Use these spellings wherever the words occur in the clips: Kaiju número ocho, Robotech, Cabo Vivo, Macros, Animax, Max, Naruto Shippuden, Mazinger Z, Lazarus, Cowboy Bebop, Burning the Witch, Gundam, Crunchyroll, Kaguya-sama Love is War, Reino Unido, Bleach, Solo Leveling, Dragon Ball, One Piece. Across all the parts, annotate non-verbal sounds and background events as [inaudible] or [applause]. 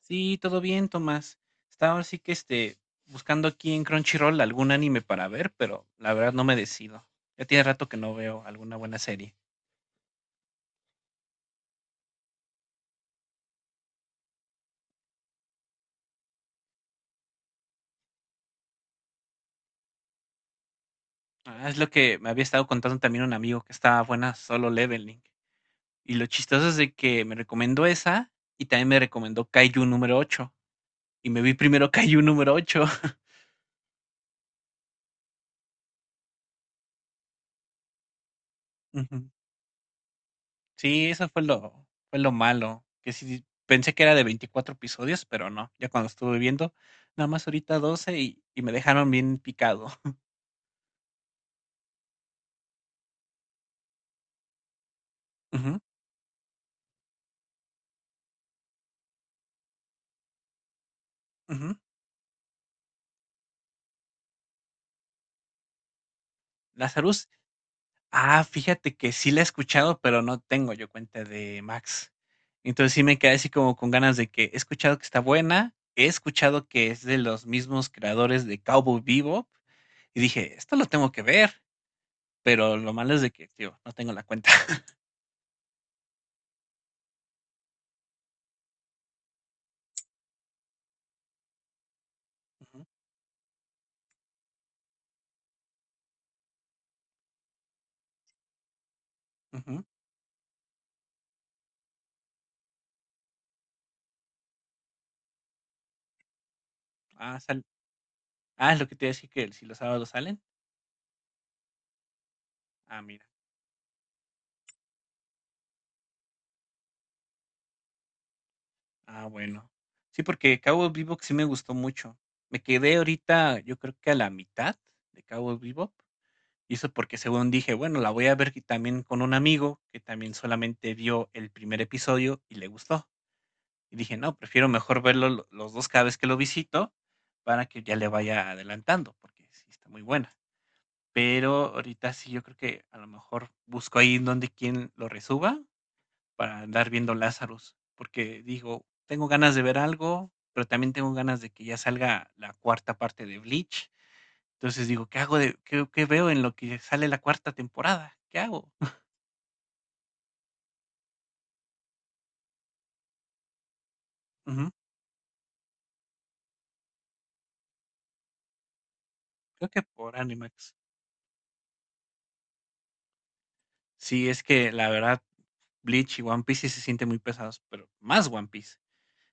Sí, todo bien, Tomás. Estaba ahora buscando aquí en Crunchyroll algún anime para ver, pero la verdad no me decido. Ya tiene rato que no veo alguna buena serie. Ah, es lo que me había estado contando también un amigo, que estaba buena Solo Leveling. Y lo chistoso es de que me recomendó esa y también me recomendó Kaiju número ocho. Y me vi primero [laughs] Kaiju número ocho. [laughs] Sí, fue lo malo. Que sí, pensé que era de 24 episodios, pero no. Ya cuando estuve viendo, nada más ahorita 12, y me dejaron bien picado. [laughs] Ujú, ujú. Lazarus. Ah, fíjate que sí la he escuchado, pero no tengo yo cuenta de Max. Entonces sí me quedé así como con ganas, de que he escuchado que está buena, he escuchado que es de los mismos creadores de Cowboy Bebop, y dije, esto lo tengo que ver, pero lo malo es de que, tío, no tengo la cuenta. [laughs] Ujú, ujú. Ah, sale. Ah, es lo que te decía, que si los sábados salen. Ah, mira. Ah, bueno. Sí, porque Cowboy Bebop sí me gustó mucho. Me quedé ahorita, yo creo que a la mitad de Cowboy Bebop. Y eso porque según dije, bueno, la voy a ver, y también con un amigo que también solamente vio el primer episodio y le gustó. Y dije, no, prefiero mejor verlo los dos cada vez que lo visito, para que ya le vaya adelantando, porque sí está muy buena. Pero ahorita sí, yo creo que a lo mejor busco ahí en donde quien lo resuba, para andar viendo Lázaros, porque digo, tengo ganas de ver algo, pero también tengo ganas de que ya salga la cuarta parte de Bleach. Entonces digo, ¿qué hago qué veo en lo que sale la cuarta temporada? ¿Qué hago? [laughs] Ujú. Creo que por Animax. Sí, es que la verdad, Bleach y One Piece sí se sienten muy pesados, pero más One Piece.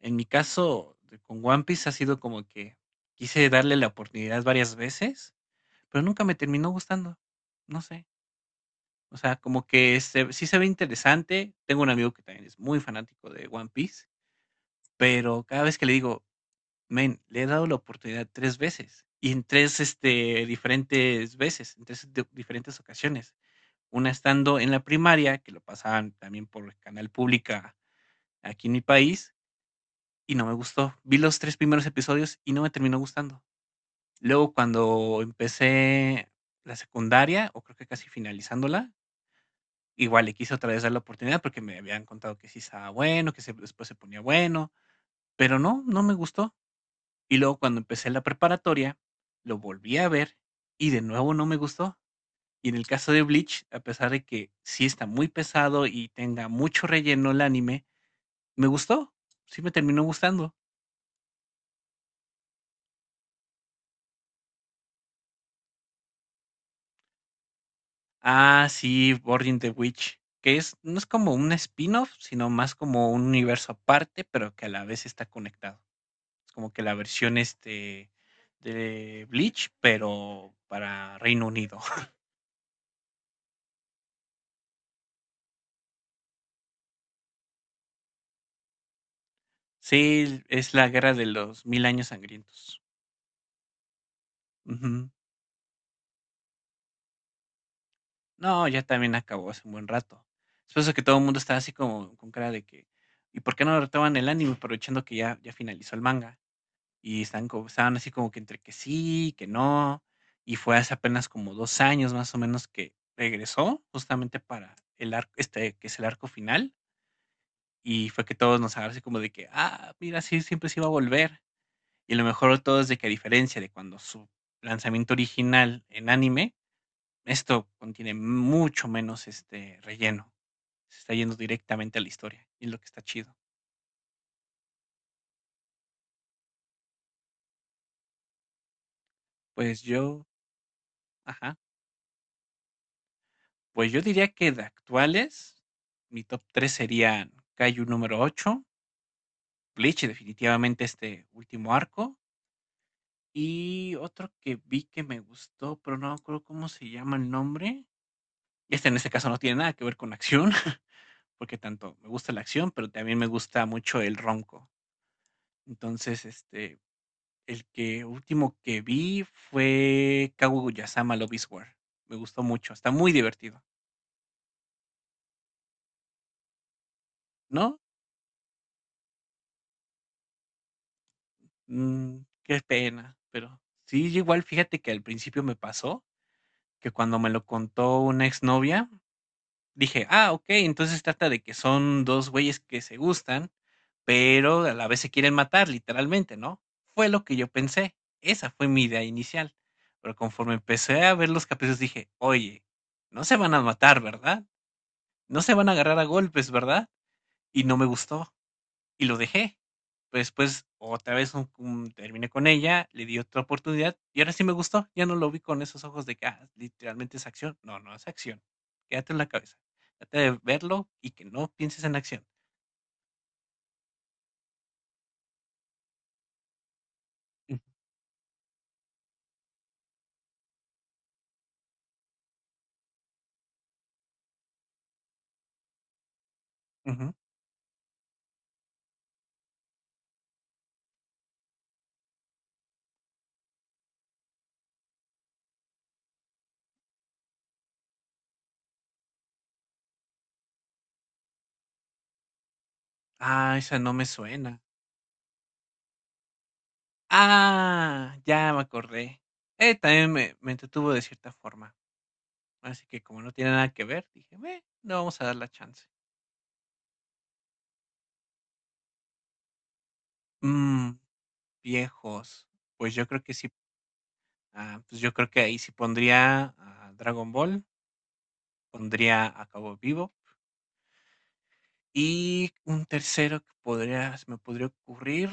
En mi caso, con One Piece ha sido como que quise darle la oportunidad varias veces, pero nunca me terminó gustando. No sé. O sea, como que se sí se ve interesante. Tengo un amigo que también es muy fanático de One Piece, pero cada vez que le digo: "Men, le he dado la oportunidad 3 veces, y en diferentes veces, en 3 di diferentes ocasiones". Una estando en la primaria, que lo pasaban también por canal pública aquí en mi país, y no me gustó. Vi los 3 primeros episodios y no me terminó gustando. Luego, cuando empecé la secundaria, o creo que casi finalizándola, igual le quise otra vez dar la oportunidad, porque me habían contado que sí estaba bueno, que se después se ponía bueno, pero no, no me gustó. Y luego cuando empecé la preparatoria, lo volví a ver y de nuevo no me gustó. Y en el caso de Bleach, a pesar de que sí está muy pesado y tenga mucho relleno el anime, me gustó. Sí me terminó gustando. Ah, sí, Burning the Witch, que es, no es como un spin-off, sino más como un universo aparte, pero que a la vez está conectado. Es como que la versión, de Bleach, pero para Reino Unido. [laughs] Sí, es la guerra de los mil años sangrientos. Ujú. No, ya también acabó hace un buen rato. Es por eso que todo el mundo está así como con cara de que, ¿y por qué no retoman el anime aprovechando que ya finalizó el manga? Y están como, estaban así como que entre que sí, que no. Y fue hace apenas como dos años más o menos que regresó justamente para el arco, que es el arco final. Y fue que todos nos agarró así como de que, ah, mira, sí, siempre se iba a volver. Y a lo mejor de todo es de que a diferencia de cuando su lanzamiento original en anime, esto contiene mucho menos relleno. Se está yendo directamente a la historia, y es lo que está chido. Pues yo, ajá, pues yo diría que de actuales, mi top 3 serían Kaiju número ocho, Bleach definitivamente este último arco, y otro que vi que me gustó, pero no me acuerdo cómo se llama el nombre. Este en este caso no tiene nada que ver con acción, [laughs] porque tanto me gusta la acción, pero también me gusta mucho el ronco. Entonces, este, el que último que vi fue Kaguya-sama Love is War. Me gustó mucho, está muy divertido, ¿no? Mm, qué pena, pero sí, igual fíjate que al principio me pasó, que cuando me lo contó una exnovia, dije: "Ah, okey, entonces trata de que son 2 güeyes que se gustan, pero a la vez se quieren matar", literalmente, ¿no? Fue lo que yo pensé, esa fue mi idea inicial, pero conforme empecé a ver los capítulos dije: "Oye, no se van a matar, ¿verdad? No se van a agarrar a golpes, ¿verdad?". Y no me gustó y lo dejé. Pero después otra vez terminé con ella, le di otra oportunidad y ahora sí me gustó. Ya no lo vi con esos ojos de que "Ah, literalmente es acción". No, no es acción. Quédate en la cabeza. Trata de verlo y que no pienses en acción. Ujú. Ujú. Ah, esa no me suena. Ah, ya me acordé. También me entretuvo de cierta forma. Así que como no tiene nada que ver, dije, "Meh, no vamos a dar la chance". Mm, viejos. Pues yo creo que sí. Ah, pues yo creo que ahí sí pondría a Dragon Ball, pondría a Cabo Vivo. Y un tercero que podría, se me podría ocurrir,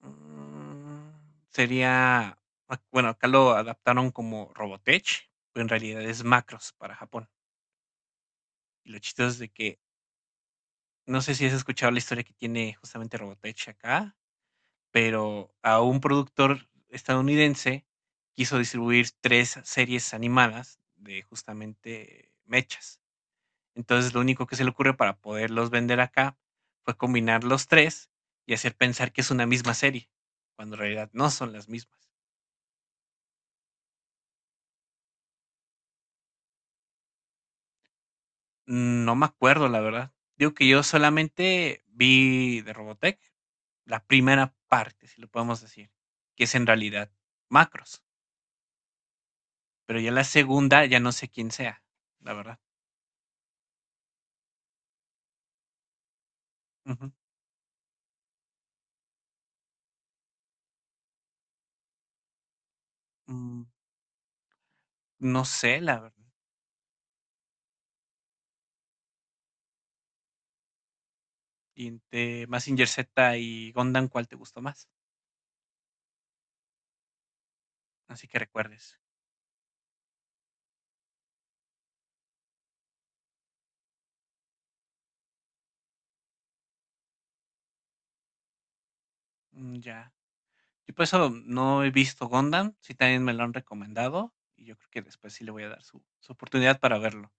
mm, sería, ah, bueno, acá lo adaptaron como Robotech, pero en realidad es Macros para Japón. Y lo chistoso es de que, no sé si has escuchado la historia que tiene justamente Robotech acá, pero a un productor estadounidense quiso distribuir tres series animadas de justamente mechas. Entonces, lo único que se le ocurre para poderlos vender acá fue combinar los 3 y hacer pensar que es una misma serie, cuando en realidad no son las mismas. No me acuerdo, la verdad. Digo que yo solamente vi de Robotech la primera parte, si lo podemos decir, que es en realidad Macros, pero ya la segunda ya no sé quién sea, la verdad. Ujú. Mm, no sé, la verdad. Y entre Mazinger Z y Gundam, ¿cuál te gustó más? Así que recuerdes. Mm, ya. Yo por eso no he visto Gundam, sí también me lo han recomendado y yo creo que después sí le voy a dar su oportunidad para verlo.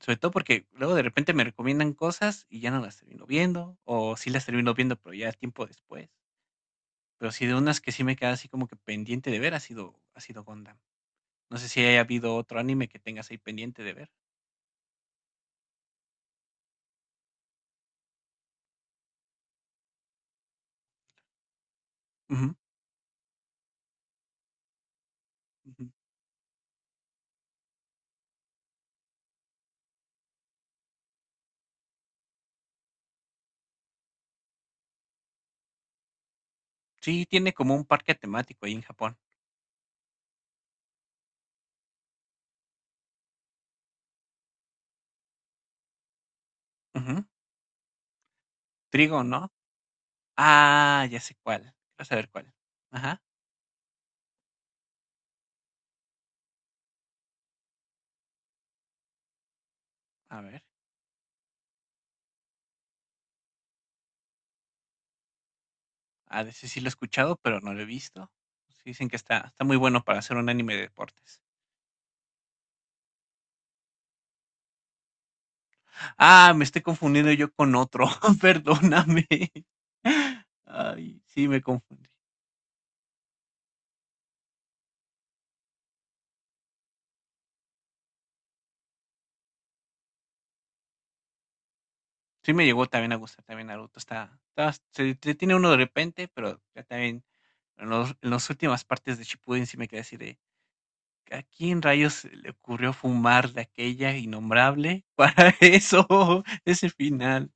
Sobre todo porque luego de repente me recomiendan cosas y ya no las termino viendo, o sí las termino viendo, pero ya tiempo después. Pero sí de unas que sí me queda así como que pendiente de ver ha sido Gundam. No sé si haya habido otro anime que tengas ahí pendiente de ver. Ujú, ujú. Sí, tiene como un parque temático ahí en Japón. Ujú. Trigo, ¿no? Ah, ya sé cuál. Vas a ver cuál. Ajá, a ver. A de ese sí lo he escuchado, pero no lo he visto. Sí, dicen que está, está muy bueno para hacer un anime de deportes. Ah, me estoy confundiendo yo con otro. [laughs] Perdóname. Ay, sí, me confundí. Sí, me llegó también a gustar también Naruto. Se, se tiene uno de repente, pero ya también en las últimas partes de Shippuden sí me quedé así de, ¿a quién rayos se le ocurrió fumar de aquella innombrable para [laughs] ese final?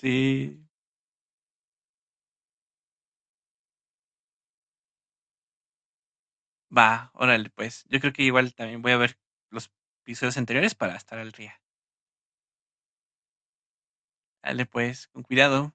Sí. Va, órale, pues. Yo creo que igual también voy a ver los episodios anteriores para estar al día. Dale, pues, con cuidado.